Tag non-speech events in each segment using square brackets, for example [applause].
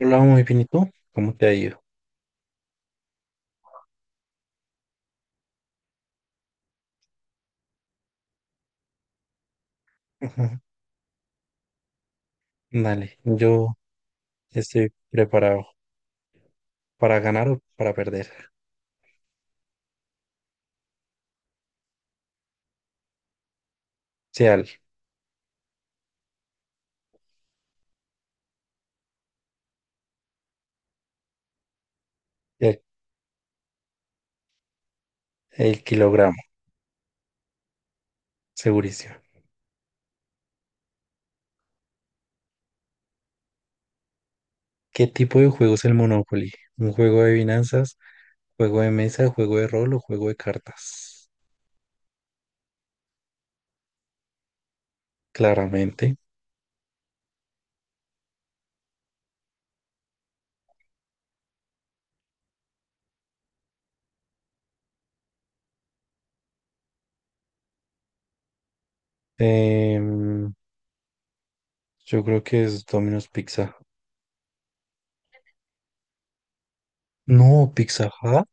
Hola, muy bien, ¿y tú? ¿Cómo te ha ido? Ujú. Dale, yo estoy preparado para ganar o para perder. Sea el, el kilogramo, segurísimo. ¿Qué tipo de juego es el Monopoly? ¿Un juego de finanzas, juego de mesa, juego de rol o juego de cartas? Claramente. Em, yo creo que es Domino's Pizza. No, Pizza Hut.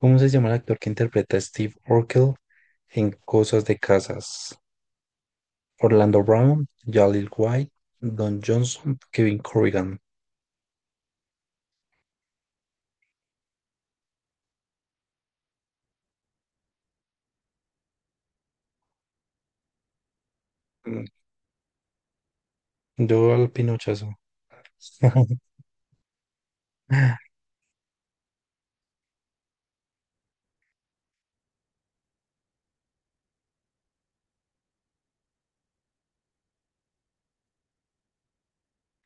¿Cómo se llama el actor que interpreta a Steve Urkel en Cosas de Casas? Orlando Brown, Jaleel White, Don Johnson, Kevin Corrigan. Mm, Yo al pinochazo. [laughs]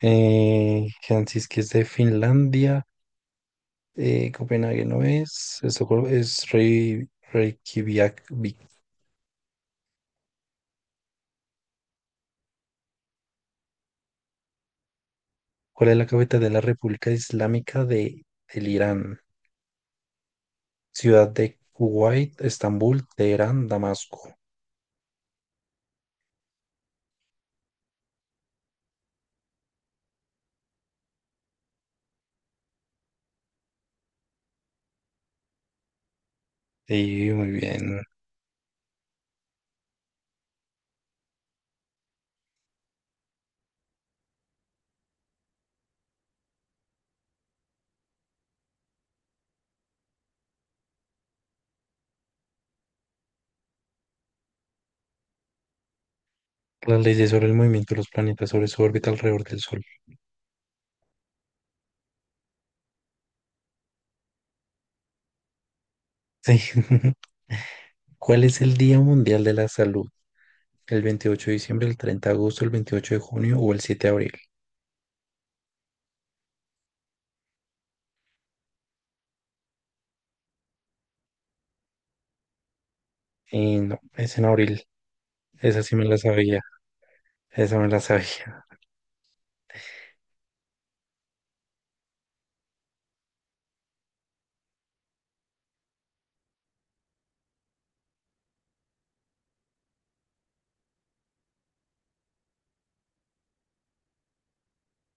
Helsinki es de Finlandia. Copenhague no es. Estocolmo es Reykjavik. ¿Cuál es la capital de la República Islámica del Irán? Ciudad de Kuwait, Estambul, Teherán, Damasco. Sí, muy bien. Las leyes sobre el movimiento de los planetas sobre su órbita alrededor del Sol. Sí. [laughs] ¿Cuál es el Día Mundial de la Salud? ¿El 28 de diciembre, el 30 de agosto, el 28 de junio o el 7 de abril? Y no, es en abril. Esa sí me la sabía. Esa me la sabía.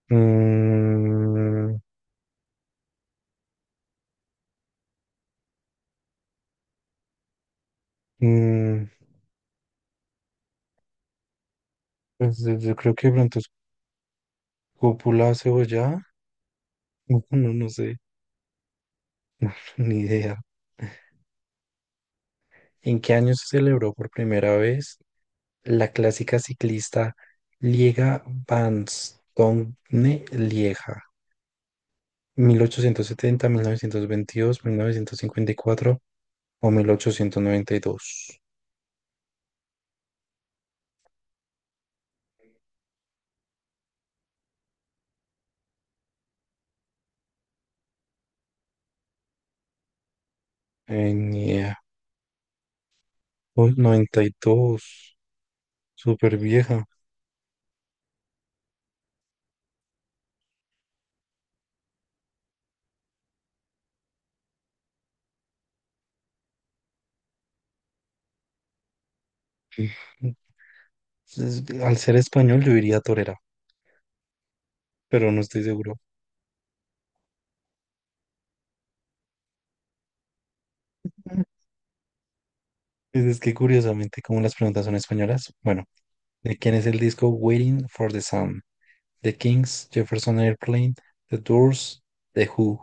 Mm, mm, pues, yo creo que de pronto es cúpula cebollada. [laughs] No, no, no sé. [laughs] Ni idea. ¿En qué año se celebró por primera vez la clásica ciclista Liega Bastogne-Lieja? Mil ochocientos setenta, novecientos veintidós, 1954 o 1892. Ni idea. Uy, 92. Súper vieja. Es- Al ser español yo diría torera, pero no estoy seguro. Mm. Es que curiosamente, como las preguntas son españolas, bueno, ¿de quién es el disco Waiting for the Sun? The Kings, Jefferson Airplane, The Doors, The Who.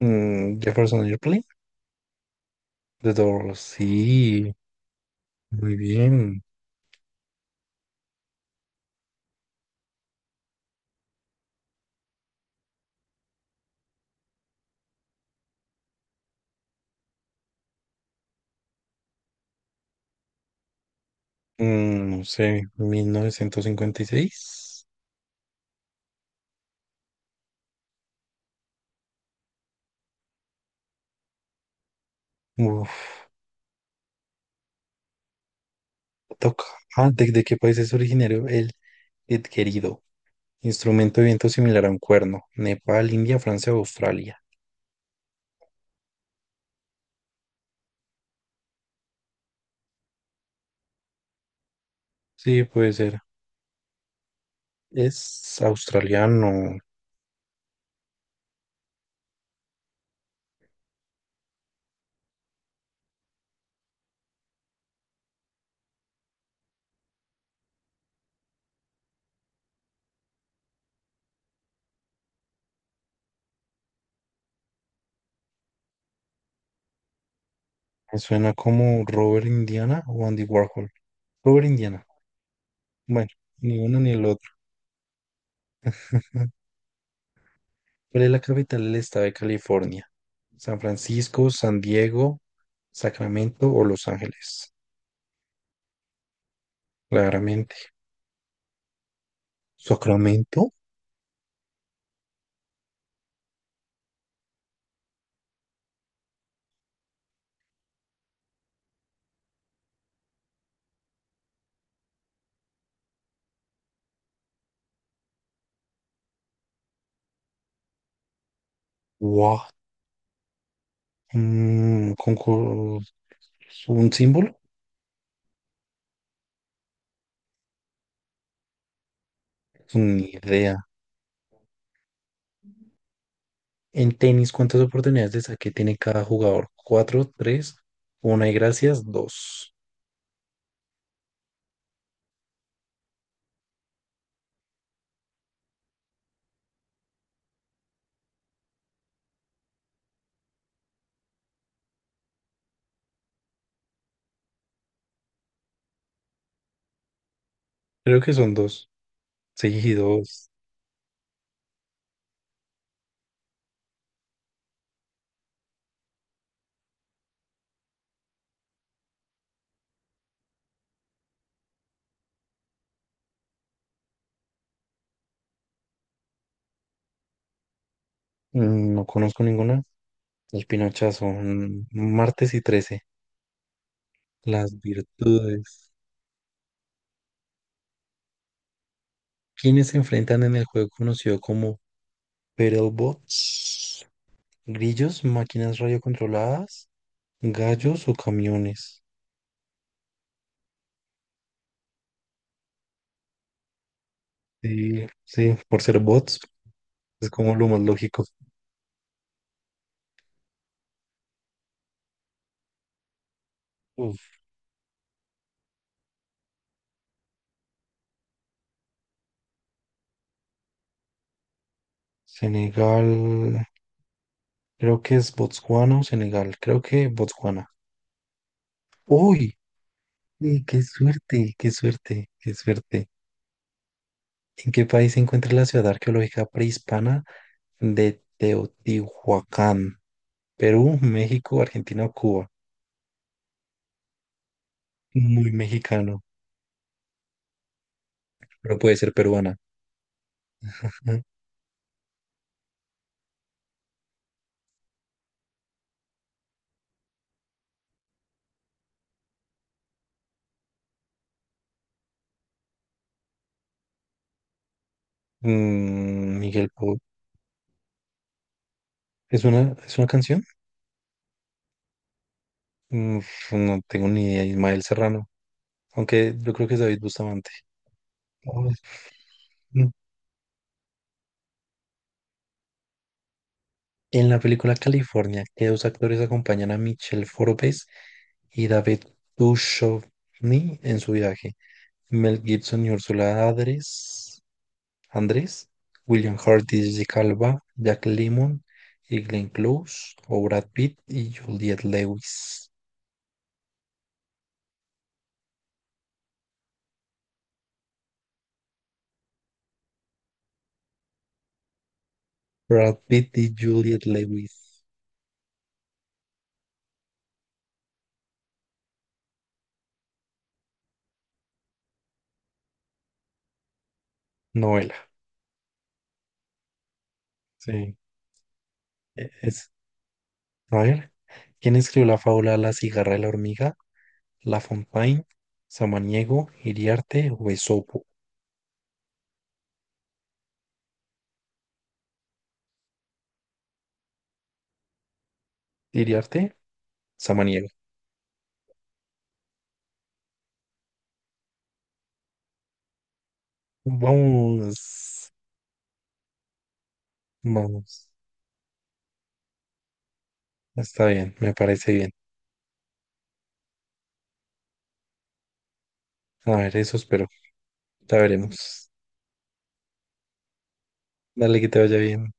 Jefferson Airplane, The Doors, sí, muy bien. No sé, 1956. Uf, toca. Ah, ¿de qué país es originario el querido instrumento de viento similar a un cuerno? Nepal, India, Francia, o Australia. Sí, puede ser. Es australiano. Me suena como Robert Indiana o Andy Warhol. Robert Indiana. Bueno, ni uno ni el otro. ¿Cuál es la capital del estado de California? San Francisco, San Diego, Sacramento o Los Ángeles. Claramente. ¿Sacramento? Wow. Mm, con, co- un símbolo, ni idea. En tenis, ¿cuántas oportunidades de saque tiene cada jugador? Cuatro, tres, una y gracias, dos. Creo que son dos. Sí, dos. No conozco ninguna. El pinochazo, martes y trece. Las virtudes. ¿Quiénes se enfrentan en el juego conocido como Battlebots? ¿Grillos, máquinas radiocontroladas, gallos o camiones? Sí, sí, por ser bots. Es como lo más lógico. Uf. Senegal, creo que es Botswana o Senegal, creo que Botswana. ¡Uy! ¡Uy! ¡Qué suerte! ¡Qué suerte! ¡Qué suerte! ¿En qué país se encuentra la ciudad arqueológica prehispana de Teotihuacán? Perú, México, Argentina o Cuba. Muy mexicano, pero puede ser peruana. Ujú. Miguel Po- ¿Es una canción? Uf, no tengo ni idea. Ismael Serrano. Aunque yo creo que es David Bustamante. En la película California, ¿qué dos actores acompañan a Michelle Forbes y David Duchovny en su viaje? Mel Gibson y Ursula Andress, Andrés, William Hurt y Jessica Alba, Jack Lemmon y Glenn Close, o Brad Pitt y Juliette Lewis. Brad Pitt y Juliette Lewis. Novela. Sí. Es, a ver, ¿quién escribió la fábula La cigarra y la hormiga? La Fontaine, Samaniego, Iriarte o Esopo? Iriarte, Samaniego. Vamos, vamos. Está bien, me parece bien. A ver, eso espero. Ya veremos. Dale que te vaya bien.